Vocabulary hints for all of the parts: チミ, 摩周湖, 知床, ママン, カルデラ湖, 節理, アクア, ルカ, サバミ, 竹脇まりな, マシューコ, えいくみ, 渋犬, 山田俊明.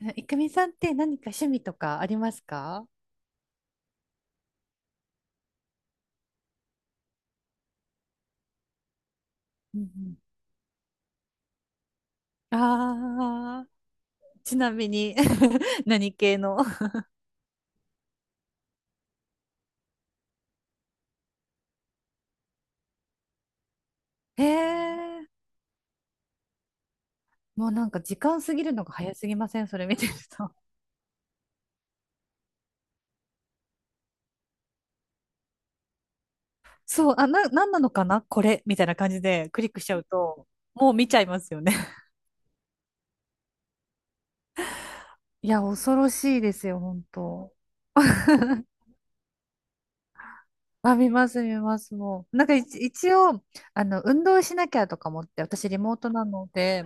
えいくみさんって何か趣味とかありますか？うんうん。ああー、ちなみに 何系の？へえ、もうなんか時間過ぎるのが早すぎませんそれ見てると。そう、あ、なんなのかなこれみたいな感じでクリックしちゃうと、もう見ちゃいますよね。いや、恐ろしいですよ、本当。 あ、見ます、見ます、もう。なんか一応、運動しなきゃとか思って、私リモートなので、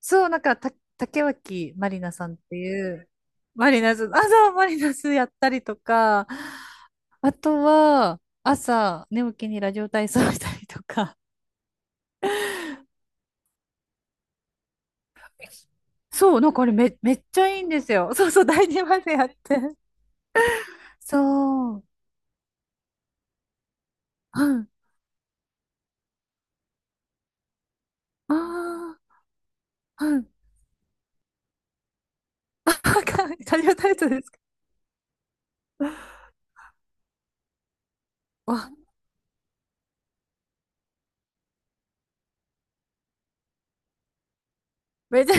そう、なんか、竹脇まりなさんっていう、マリナス、あ、そう、マリナスやったりとか、あとは、朝、寝起きにラジオ体操したりとか。そう、なんかあれめっちゃいいんですよ。そうそう、第二までやって。そう。うん。ああ、うん。あ、かラジオ体操ですか？わ、めっちゃ、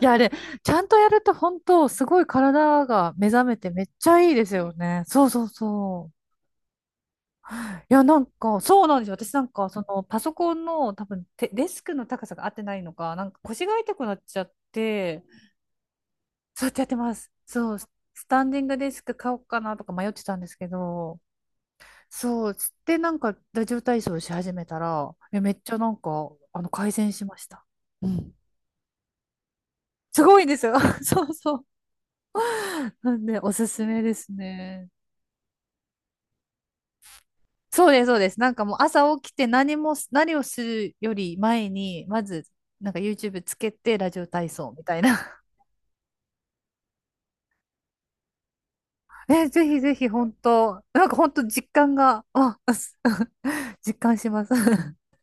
いや、ちゃんとやると本当、すごい体が目覚めてめっちゃいいですよね。そうそうそう。いや、なんか、そうなんですよ。私なんか、パソコンの多分デスクの高さが合ってないのか、なんか腰が痛くなっちゃって、そうやってやってます。そう、スタンディングデスク買おうかなとか迷ってたんですけど、そう、つってなんか、ラジオ体操し始めたら、いやめっちゃなんか、改善しました。うん。すごいんですよ。そうそう。なんで、おすすめですね。そうです、そうです。なんかもう朝起きて何をするより前に、まず、なんか YouTube つけてラジオ体操みたいな。え、ぜひぜひ本当、なんか本当実感が、あ、実感します。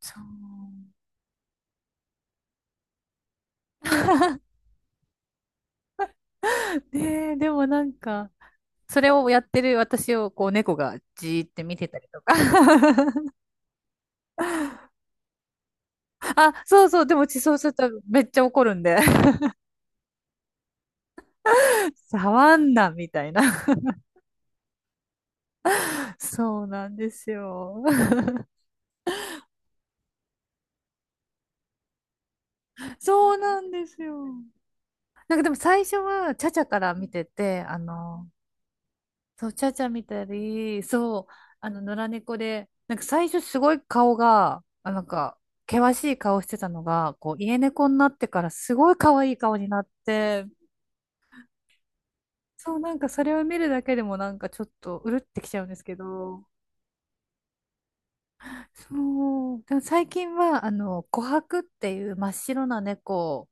そう。ねえ、でもなんか、それをやってる私をこう猫がじーって見てたりとか。あ、そうそう、でもそうするとめっちゃ怒るんで。触んな、みたいな。そうなんですよ。そうなんですよ。なんかでも最初は、チャチャから見てて、そう、チャチャ見たり、そう、野良猫で、なんか最初すごい顔が、あ、なんか、険しい顔してたのが、こう、家猫になってからすごい可愛い顔になって、そう、なんかそれを見るだけでもなんかちょっとうるってきちゃうんですけど、そう、でも最近は、琥珀っていう真っ白な猫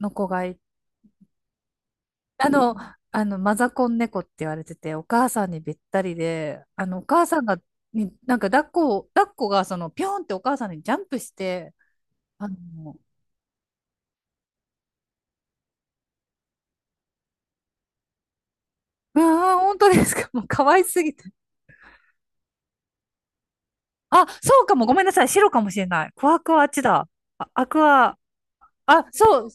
の子がいあの、あの、マザコン猫って言われてて、お母さんにべったりで、お母さんが、に、なんか抱っこがピョンってお母さんにジャンプして、あの、うわー、本当ですか？ もう可愛すぎて。あ、そうかも。ごめんなさい。白かもしれない。クワクワあっちだ。あ、アクア。あ、そう。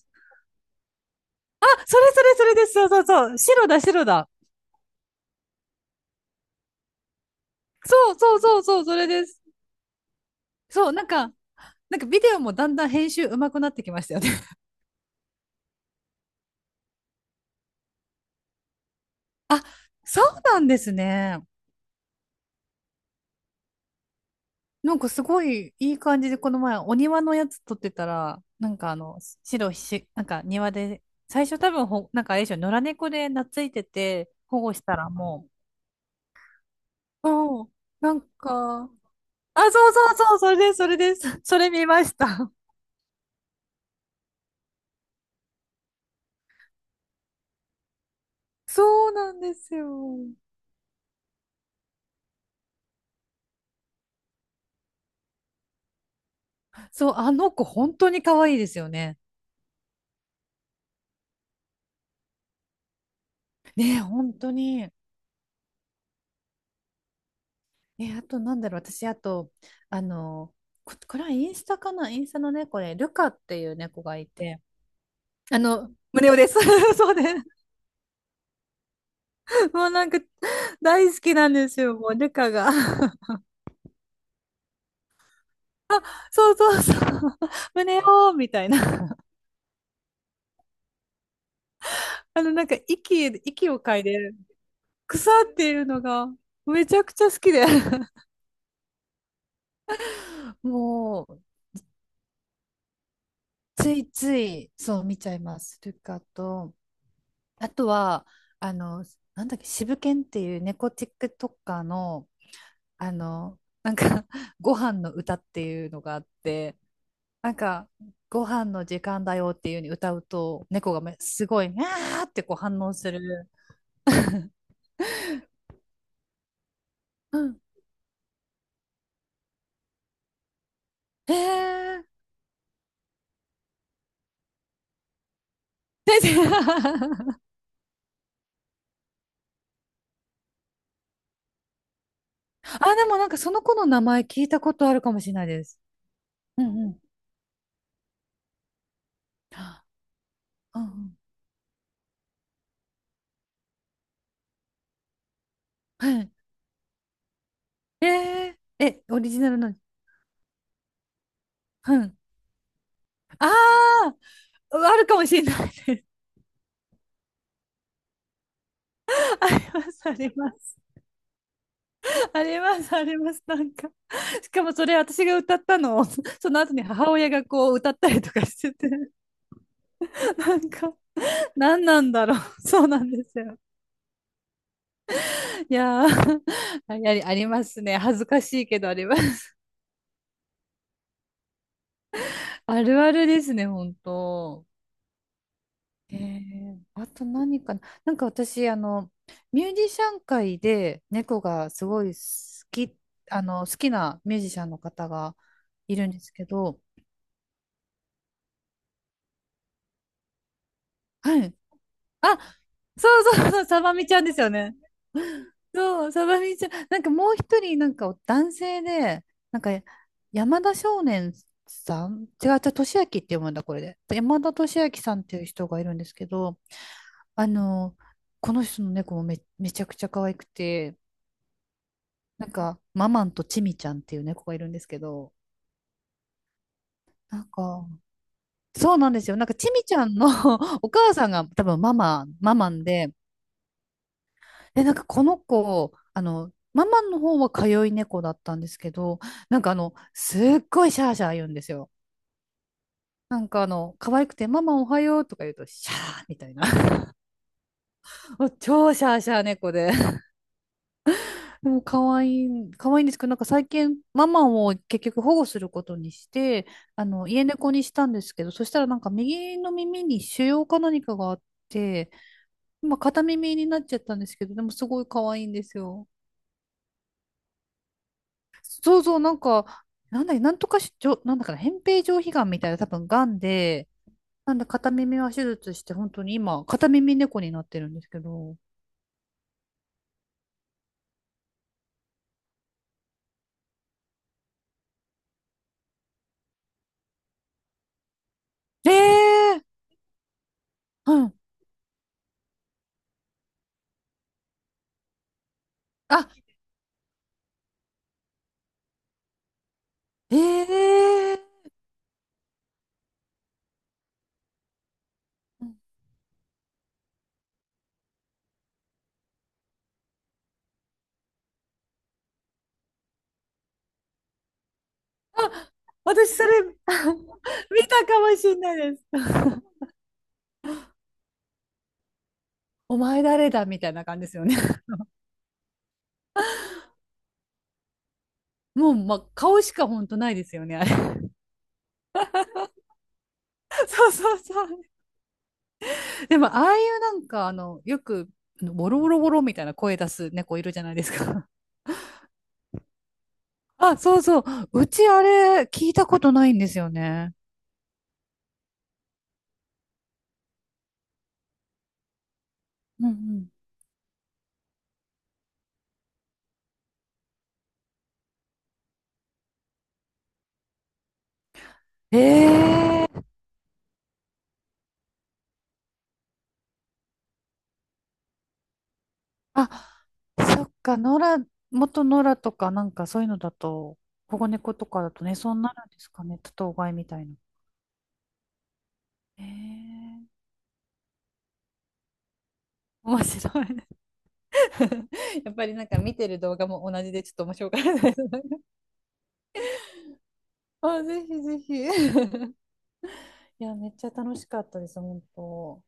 あ、それそれそれです。そうそうそう。白だ、白だ。そうそうそうそう、それです。そう、なんかビデオもだんだん編集上手くなってきましたよね。あ、そうなんですね。なんかすごいいい感じで、この前お庭のやつ撮ってたら、なんか白ひし、なんか庭で、最初多分なんかあれでしょ、野良猫で懐いてて、保護したらもう、うん、なんか、あ、そうそうそう、それです、それです。それ見ました。そうなんですよ。そう、あの子本当に可愛いですよね。ねえ、本当に。え、あとなんだろう、私、あと、あの、これはインスタかなインスタのね、これ、ルカっていう猫がいて、胸をです。そうね。もうなんか、大好きなんですよ、もう、ルカが。そうそうそう。胸をみたいな。なんか、息を嗅いでる、草っていうのが、めちゃくちゃ好きで。もう、ついつい、そう、見ちゃいます、ルカと。あとは、あの、なんだっけ、渋犬っていう猫 TikToker の、あの、ご飯の歌っていうのがあって、なんか、ご飯の時間だよっていう風に歌うと、猫がすごい、あーってこう反応する。うん。へえ。先生 あ、でもなんかその子の名前聞いたことあるかもしれないです。うんうん。あ、うんうん。はい。え、オリジナルの。うん。ああ、あるかもしれないです。あります、あります。あります、あります。なんか。しかもそれ私が歌ったのを、その後に母親がこう歌ったりとかしてて、なんか。何なんだろう。そうなんですよ。いやー、ありますね。恥ずかしいけどあります。あるあるですね、本当。あと何かな。なんか私、ミュージシャン界で猫がすごい好き、好きなミュージシャンの方がいるんですけど、はい。あ、そうそうそう、サバミちゃんですよね。そう、サバミちゃん。なんかもう一人、なんか男性で、なんか山田少年さん、違う違う、俊明って読むんだ、これで。山田俊明さんっていう人がいるんですけど、あの、この人の猫もめちゃくちゃ可愛くて、なんか、ママンとチミちゃんっていう猫がいるんですけど、なんか、そうなんですよ。なんか、チミちゃんの お母さんが多分ママンで、え、なんかこの子、ママの方は通い猫だったんですけど、なんかすっごいシャーシャー言うんですよ。なんか可愛くて、ママおはようとか言うと、シャーみたいな。超シャーシャー猫で。でも可愛い、可愛いんですけど、なんか最近、ママを結局保護することにして、家猫にしたんですけど、そしたらなんか右の耳に腫瘍か何かがあって、今片耳になっちゃったんですけど、でもすごい可愛いんですよ。そうそう、なんか、なんだっけ、なんとかし、じょ、なんだかな、扁平上皮がんみたいな、多分がんで、なんで片耳は手術して、本当に今、片耳猫になってるんですけど。ええー、うん。あ、ええー、あ、私、それ 見たかもしれないです。お前誰だみたいな感じですよね。もう、まあ、顔しか本当ないですよね、あれ。そうそうそう。でも、ああいうなんか、よく、ボロボロボロみたいな声出す猫いるじゃないですか。あ、そうそう。うちあれ聞いたことないんですよね。うんうん。ええ、あ、そっか、野良、元野良とかなんかそういうのだと、保護猫とかだとね、そうなるんですかね。多頭飼いみたいな。ええ、面白い。やっぱりなんか見てる動画も同じでちょっと面白かったです。あ、ぜひぜひ。いや、めっちゃ楽しかったです、本当。